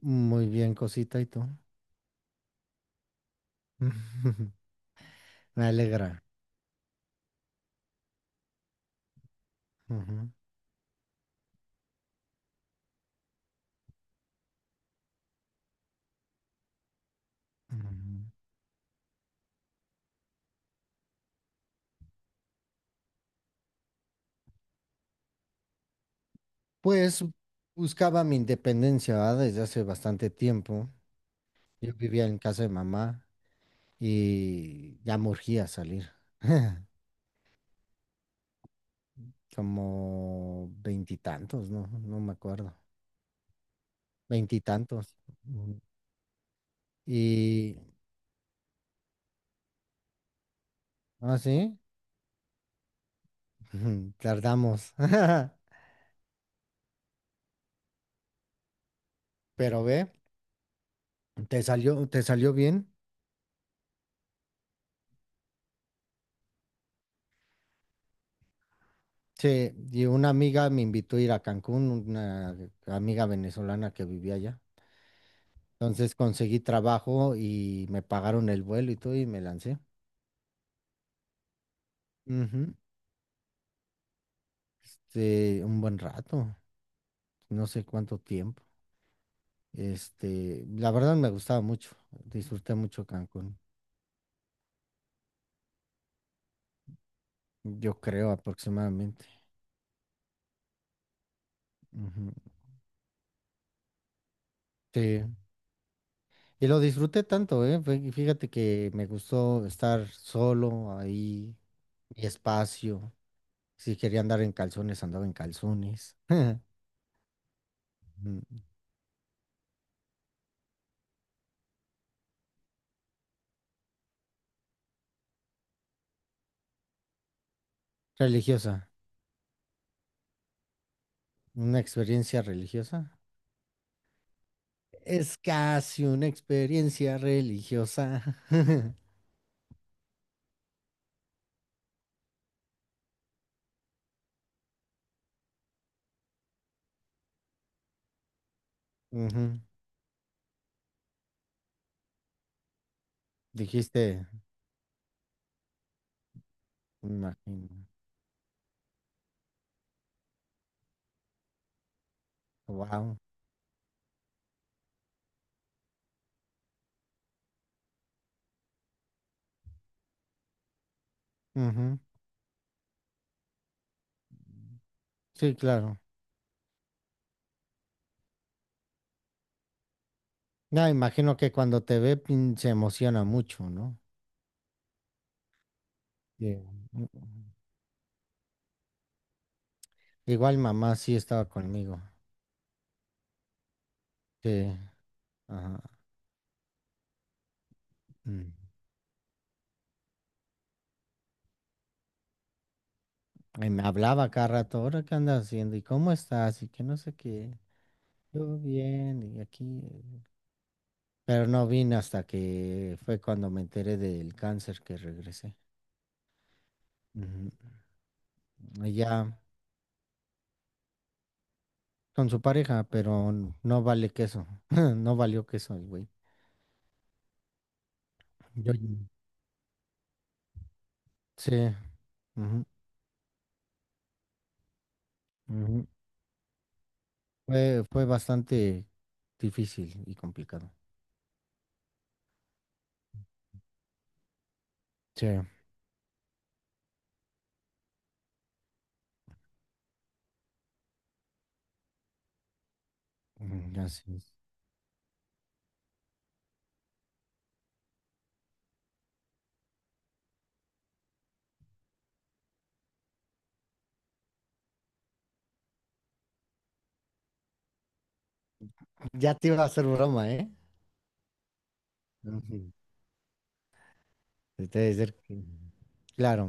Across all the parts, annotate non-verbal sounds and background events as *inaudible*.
Muy bien, cosita, ¿y tú? *laughs* Me alegra. Ujú, ujú. Pues buscaba mi independencia, ¿verdad? Desde hace bastante tiempo. Yo vivía en casa de mamá y ya me urgía salir. *laughs* Como veintitantos, ¿no? No me acuerdo. Veintitantos. Ujú. Y, ¿ah, sí? *laughs* Tardamos. *laughs* Pero ve, te salió bien. Sí, y una amiga me invitó a ir a Cancún, una amiga venezolana que vivía allá. Entonces conseguí trabajo y me pagaron el vuelo y todo y me lancé. Ujú. Un buen rato, no sé cuánto tiempo. La verdad me gustaba mucho, disfruté mucho Cancún, yo creo aproximadamente. Ujú. Sí, y lo disfruté tanto, ¿eh? Fíjate que me gustó estar solo ahí, mi espacio. Si quería andar en calzones, andaba en calzones. *laughs* Mm. Religiosa, una experiencia religiosa. Es casi una experiencia religiosa. *laughs* Ujú. Dijiste, me imagino. Wow. Sí, claro. Ya imagino que cuando te ve pin, se emociona mucho, ¿no? Sí. Mm. Igual mamá sí estaba conmigo. Sí. Ajá. Mm. Y me hablaba cada rato, ¿ahora qué andas haciendo? ¿Y cómo estás? Y que no sé qué. Todo bien, y aquí, pero no vine hasta que fue cuando me enteré del cáncer que regresé. Ujú. Y ya con su pareja, pero no vale queso, *laughs* no valió queso el güey. Yo, sí, ujú, ujú. Fue bastante difícil y complicado. Sí, ujú, así es. Ya te iba a hacer broma, ¿eh? Ujú. Te iba a decir. Claro,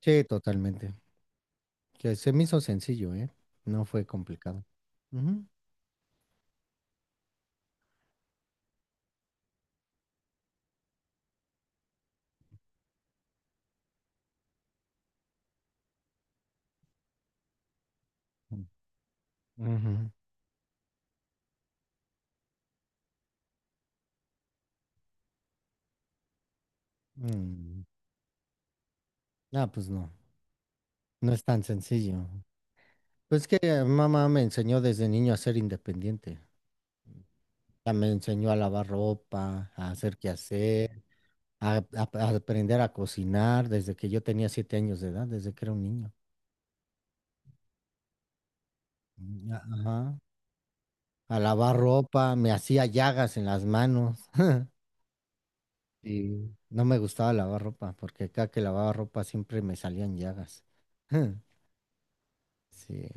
sí, totalmente. Que se me hizo sencillo, ¿eh? No fue complicado. Ujú. Ujú. Mm. Ah, pues no, no es tan sencillo. Pues que mamá me enseñó desde niño a ser independiente. Ya me enseñó a lavar ropa, a hacer quehacer, a, a aprender a cocinar desde que yo tenía 7 años de edad, desde que era un niño. Mm, ajá. A lavar ropa, me hacía llagas en las manos. *laughs* Y no me gustaba lavar ropa, porque cada que lavaba ropa siempre me salían llagas. *laughs* Sí.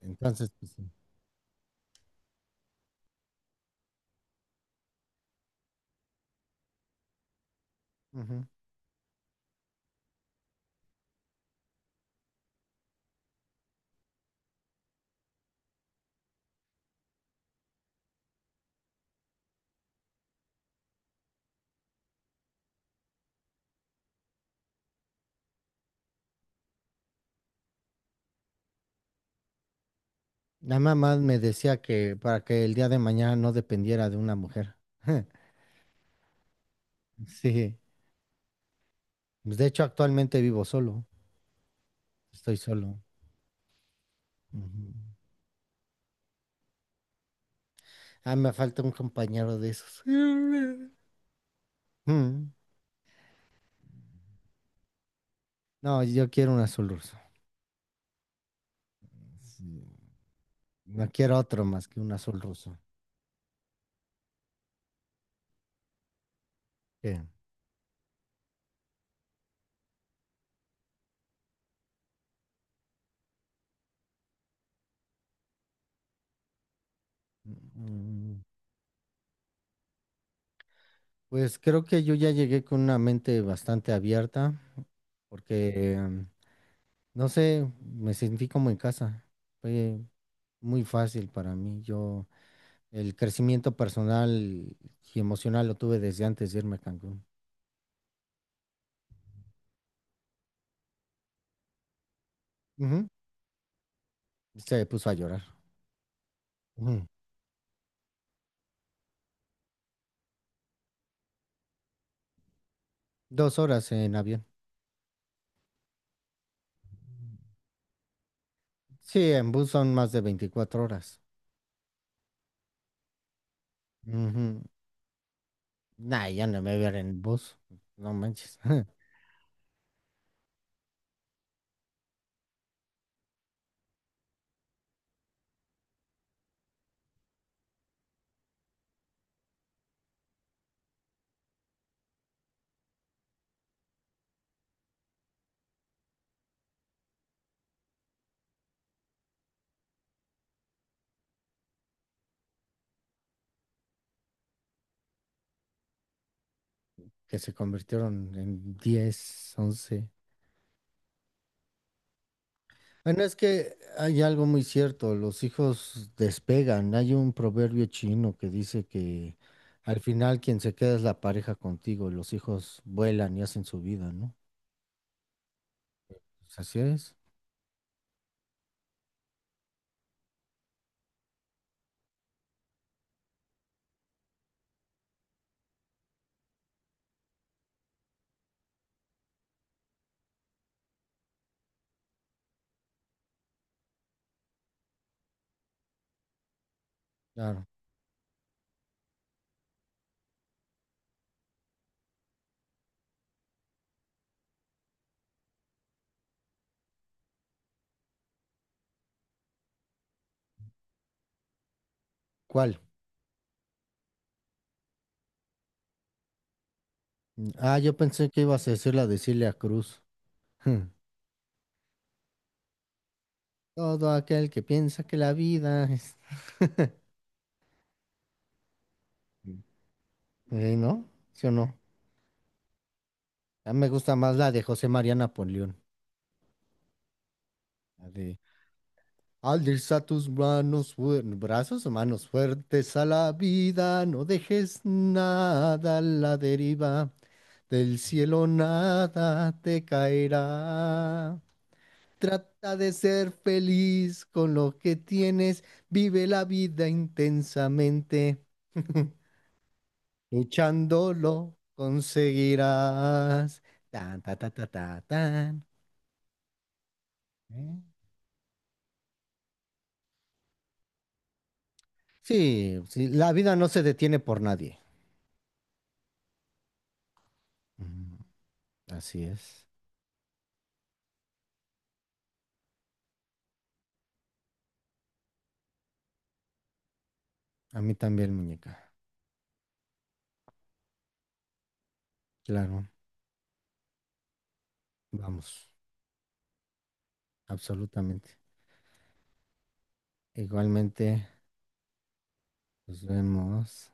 Entonces, pues sí. Ujú. La mamá me decía que para que el día de mañana no dependiera de una mujer. *laughs* Sí. Pues, de hecho, actualmente vivo solo. Estoy solo. Ujú. Ah, me falta un compañero de esos. *laughs* Mm. No, yo quiero un azul ruso. Sí. No quiero otro más que un azul ruso. ¿Qué? Mm. Pues creo que yo ya llegué con una mente bastante abierta porque, no sé, me sentí como en casa. Fue muy fácil para mí. Yo el crecimiento personal y emocional lo tuve desde antes de irme a Cancún. Ujú. Se puso a llorar. Ujú. 2 horas en avión. Sí, en bus son más de 24 horas. Ujú. Nah, ya no me voy a ir en bus. No manches. *laughs* Que se convirtieron en 10 11. Bueno, es que hay algo muy cierto, los hijos despegan. Hay un proverbio chino que dice que al final quien se queda es la pareja contigo y los hijos vuelan y hacen su vida, ¿no? Pues así es. Claro. ¿Cuál? Ah, yo pensé que ibas a decir la de Celia Cruz. *laughs* Todo aquel que piensa que la vida es... *laughs* ¿no? ¿Sí o no? A mí me gusta más la de José María Napoleón. La de Al Alza tus manos, brazos, manos fuertes a la vida, no dejes nada a la deriva, del cielo nada te caerá. Trata de ser feliz con lo que tienes, vive la vida intensamente, luchándolo conseguirás. Tan, ta, ta, ta, ta, tan. ¿Eh? Sí, sí, la vida no se detiene por nadie. Ujú. Así es. A mí también, muñeca. Claro, vamos, absolutamente. Igualmente, nos vemos.